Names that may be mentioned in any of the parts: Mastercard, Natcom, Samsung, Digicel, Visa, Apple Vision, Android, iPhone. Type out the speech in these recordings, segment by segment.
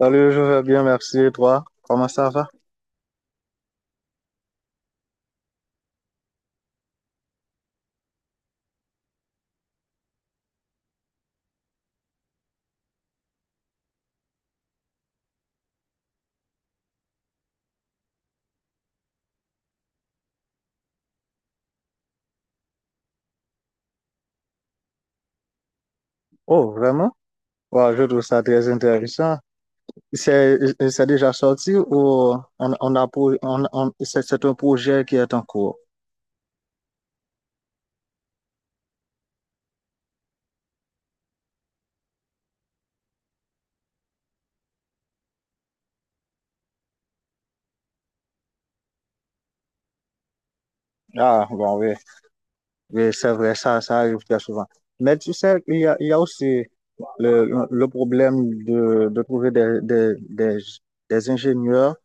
Salut, je vais bien, merci. Et toi, comment ça va? Oh, vraiment? Ouais, je trouve ça très intéressant. C'est, c'est déjà sorti ou on a, pour- on- c'est un projet qui est en cours? Ah, bon, oui, oui, c'est vrai, ça arrive très souvent. Mais tu sais, il y a aussi le problème de trouver des ingénieurs,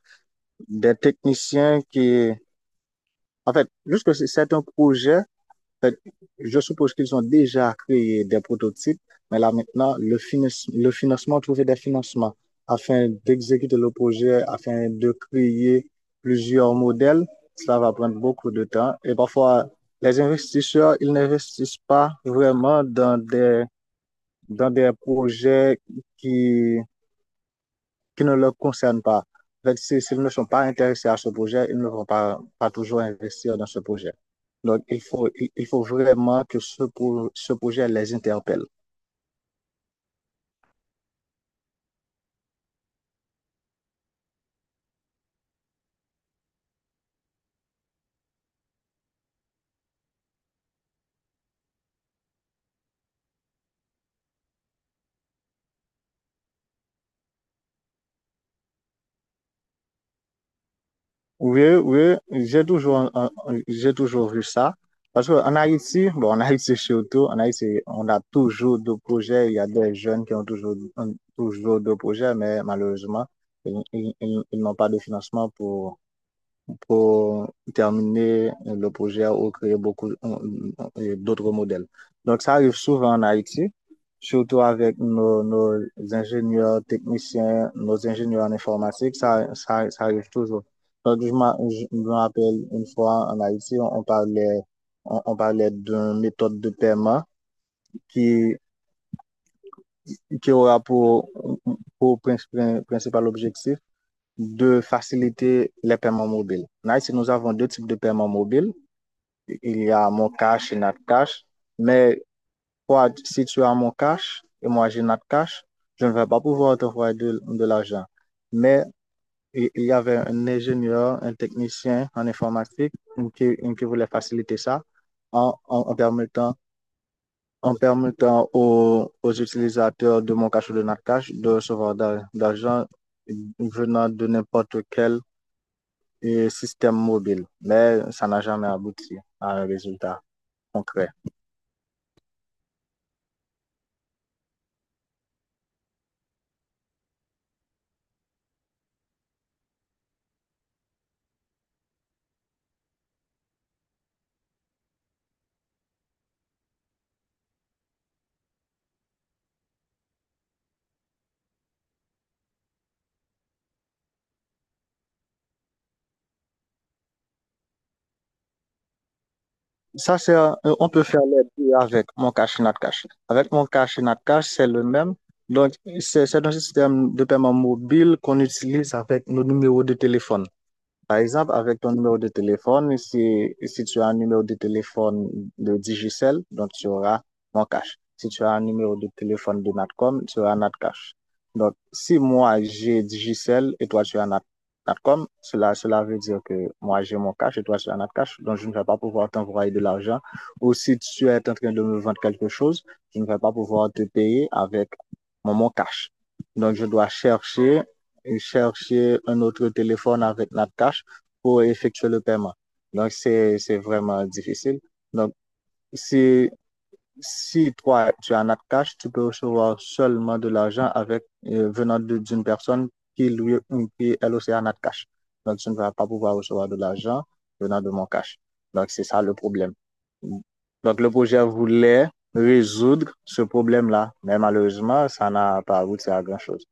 des techniciens qui, en fait, juste que c'est un projet fait, je suppose qu'ils ont déjà créé des prototypes, mais là maintenant, le financement, trouver des financements afin d'exécuter le projet, afin de créer plusieurs modèles, ça va prendre beaucoup de temps. Et parfois, les investisseurs, ils n'investissent pas vraiment dans des projets qui, qui ne leur concernent pas. S'ils ne sont pas intéressés à ce projet, ils ne vont pas, pas toujours investir dans ce projet. Donc, il faut, il faut vraiment que ce projet les interpelle. Oui, oui, j'ai toujours vu ça. Parce qu'en Haïti, bon, en Haïti surtout, en Haïti, on a toujours deux projets. Il y a des jeunes qui ont toujours deux projets, mais malheureusement, ils n'ont pas de financement pour terminer le projet ou créer beaucoup d'autres modèles. Donc, ça arrive souvent en Haïti, surtout avec nos ingénieurs techniciens, nos ingénieurs en informatique, ça arrive toujours. Donc, je me rappelle une fois en Haïti, on parlait, on parlait d'une méthode de paiement qui, qui aura pour principal objectif de faciliter les paiements mobiles. En Haïti, nous avons deux types de paiements mobiles, il y a mon cash et notre cash. Mais toi, si tu as mon cash et moi j'ai notre cash, je ne vais pas pouvoir t'envoyer de l'argent. Mais il y avait un ingénieur, un technicien en informatique qui voulait faciliter ça en, en, en permettant, en permettant aux utilisateurs de mon cash ou de notre cash de recevoir d'argent venant de n'importe quel système mobile. Mais ça n'a jamais abouti à un résultat concret. Ça, on peut faire les deux avec mon cash et Natcash. Avec mon cash et Natcash, c'est le même. Donc, c'est un système de paiement mobile qu'on utilise avec nos numéros de téléphone. Par exemple, avec ton numéro de téléphone, si tu as un numéro de téléphone de Digicel, donc tu auras mon cash. Si tu as un numéro de téléphone de Natcom, tu auras Natcash. Donc, si moi j'ai Digicel et toi tu as Natcom, cela veut dire que moi j'ai mon cash et toi tu as Natcash, donc je ne vais pas pouvoir t'envoyer de l'argent. Ou si tu es en train de me vendre quelque chose, je ne vais pas pouvoir te payer avec mon cash. Donc, je dois chercher chercher un autre téléphone avec notre cash pour effectuer le paiement. Donc, c'est vraiment difficile. Donc, si, si toi, tu as notre cash, tu peux recevoir seulement de l'argent avec, venant d'une personne qui, lui, qui elle aussi a notre cash. Donc, tu ne vas pas pouvoir recevoir de l'argent venant de mon cash. Donc, c'est ça le problème. Donc, le projet voulait résoudre ce problème-là, mais malheureusement, ça n'a pas abouti à grand-chose.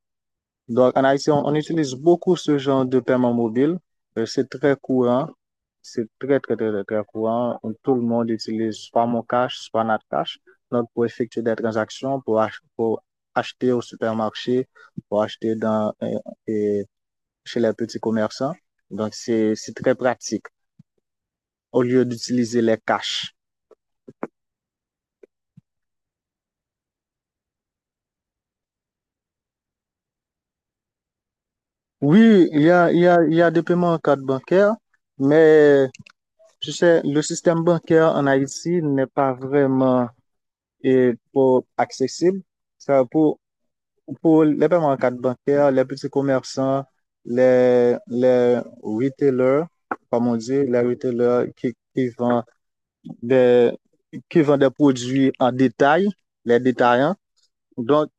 Donc, en Haïti, on utilise beaucoup ce genre de paiement mobile. C'est très courant. C'est très, très, très, très, très courant. Tout le monde utilise soit mon cash, soit notre cash. Donc, pour effectuer des transactions, pour acheter au supermarché, pour acheter dans, euh, chez les petits commerçants. Donc, c'est très pratique au lieu d'utiliser les cash. Oui, il y a des paiements en carte bancaire, mais je sais, le système bancaire en Haïti n'est pas vraiment et pour accessible. Ça, pour les paiements en carte bancaire, les petits commerçants, les retailers, comme on dit, les retailers qui vendent des, qui vendent des produits en détail, les détaillants. Donc,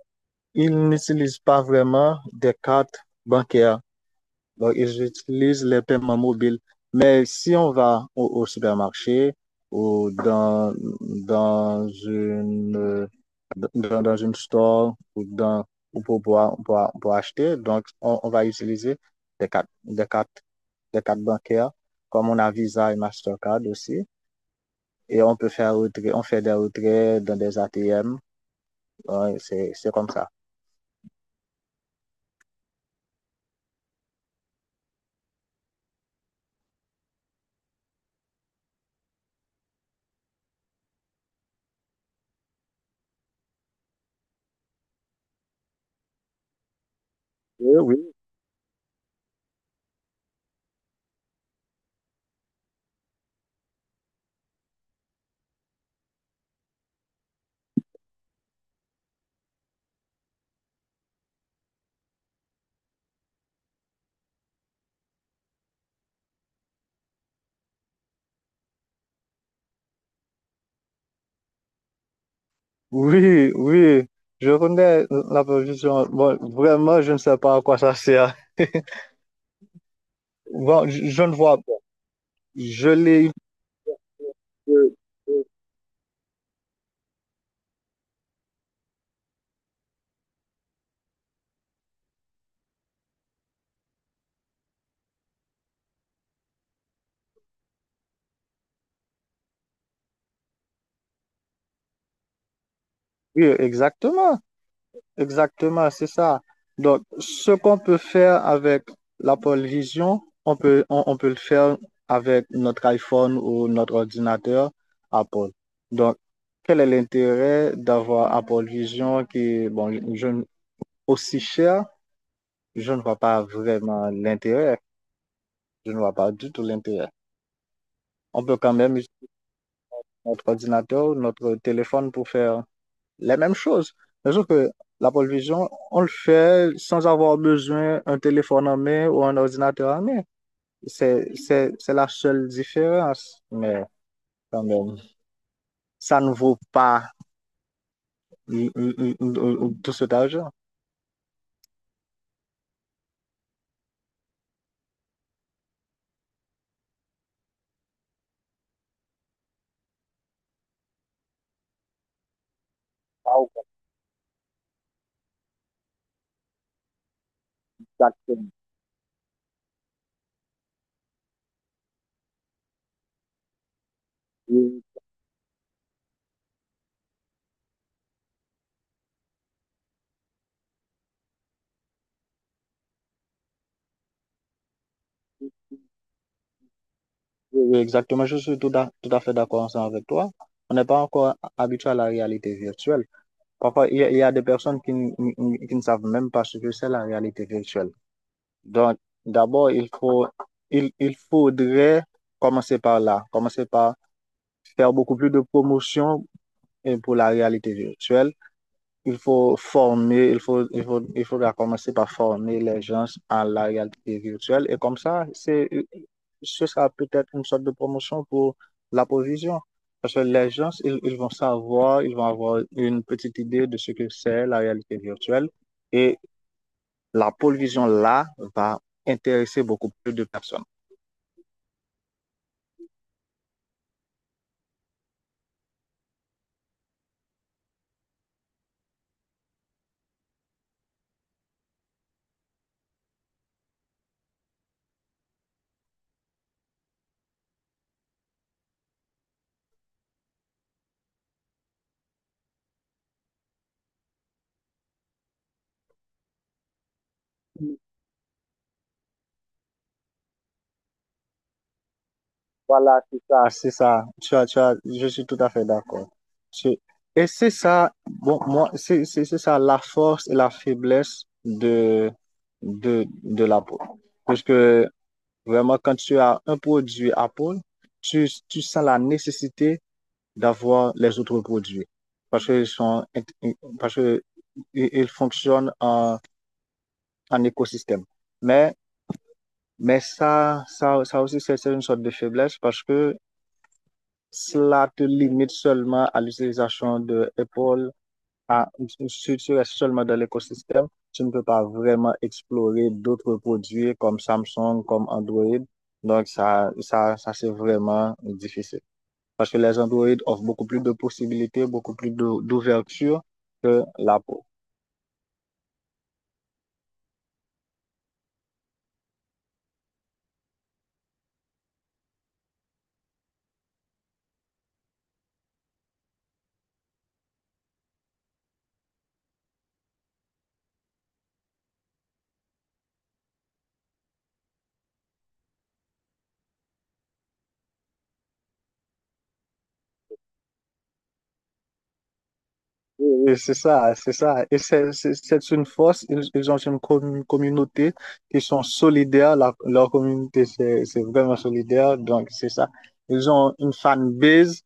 ils n'utilisent pas vraiment des cartes bancaires. Donc, ils utilisent les paiements mobiles. Mais si on va au supermarché ou dans une, euh, dans, dans une store ou dans, ou pour, pour acheter, donc on va utiliser des cartes, des cartes, des cartes bancaires, comme on a Visa et Mastercard aussi. Et on peut faire retrait, on fait des retraits dans des ATM. Ouais, c'est comme ça. Oui, oui. Oui, oui, je connais la position. Bon, vraiment, je ne sais pas à quoi ça sert. Bon, je ne vois pas. Je l'ai. euh, Oui, exactement. Exactement, c'est ça. Donc, ce qu'on peut faire avec la pole vision, on peut le faire avec notre iPhone ou notre ordinateur Apple. Donc, quel est l'intérêt d'avoir Apple Vision qui est bon, aussi cher? Je ne vois pas vraiment l'intérêt. Je ne vois pas du tout l'intérêt. On peut quand même utiliser notre ordinateur, notre téléphone pour faire les mêmes choses. Mais sauf que la pole vision, on le fait sans avoir besoin d'un téléphone en main ou un ordinateur en main. C'est la seule différence. Mais quand même, ça ne vaut pas l- l- l- l- tout cet argent. Ah, exactement. Oui, oui, exactement. Je suis tout à, tout à fait d'accord ensemble avec toi. On n'est pas encore habitué à la réalité virtuelle. Parfois, il y a des personnes qui, qui ne savent même pas ce que c'est la réalité virtuelle. Donc, d'abord, il faut, il faudrait commencer par là, commencer par faire beaucoup plus de promotion pour la réalité virtuelle. Il faut former, il faudra commencer par former les gens à la réalité virtuelle. Et comme ça, ce sera peut-être une sorte de promotion pour la provision. Parce que les gens, ils vont savoir, ils vont avoir une petite idée de ce que c'est la réalité virtuelle. Et la provision là va intéresser beaucoup plus de personnes. Voilà, c'est ça, c'est ça. Je suis tout à fait d'accord. C'est- Et c'est ça, bon, moi, c'est ça la force et la faiblesse de l'Apple. Parce que vraiment, quand tu as un produit Apple, tu sens la nécessité d'avoir les autres produits. Parce qu'ils sont, int- parce que ils fonctionnent en écosystème. Mais, ça aussi, c'est une sorte de faiblesse parce que cela te limite seulement à l'utilisation de Apple, à, si tu restes seulement dans l'écosystème, tu ne peux pas vraiment explorer d'autres produits comme Samsung, comme Android. Donc, ça c'est vraiment difficile. Parce que les Android offrent beaucoup plus de possibilités, beaucoup plus d'ouverture que l'Apple. Et c'est ça, c'est ça. Et c'est une force. Ils ont une communauté qui sont solidaires. Leur communauté, c'est vraiment solidaire. Donc, c'est ça. Ils ont une fanbase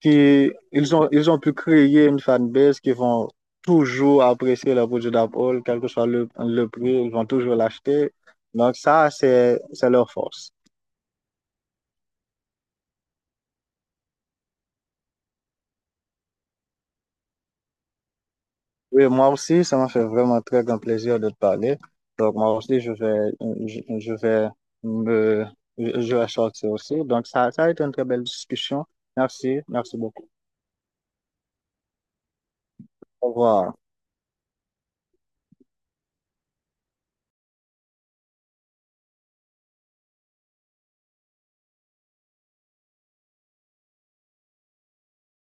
qui, ils ont pu créer une fanbase qui vont toujours apprécier le produit d'Apple, quel que soit le prix, ils vont toujours l'acheter. Donc, ça, c'est leur force. Oui, moi aussi, ça m'a fait vraiment très grand plaisir de te parler. Donc, moi aussi, je vais me, je vais sortir aussi. Donc, ça a été une très belle discussion. Merci, merci beaucoup. Au revoir.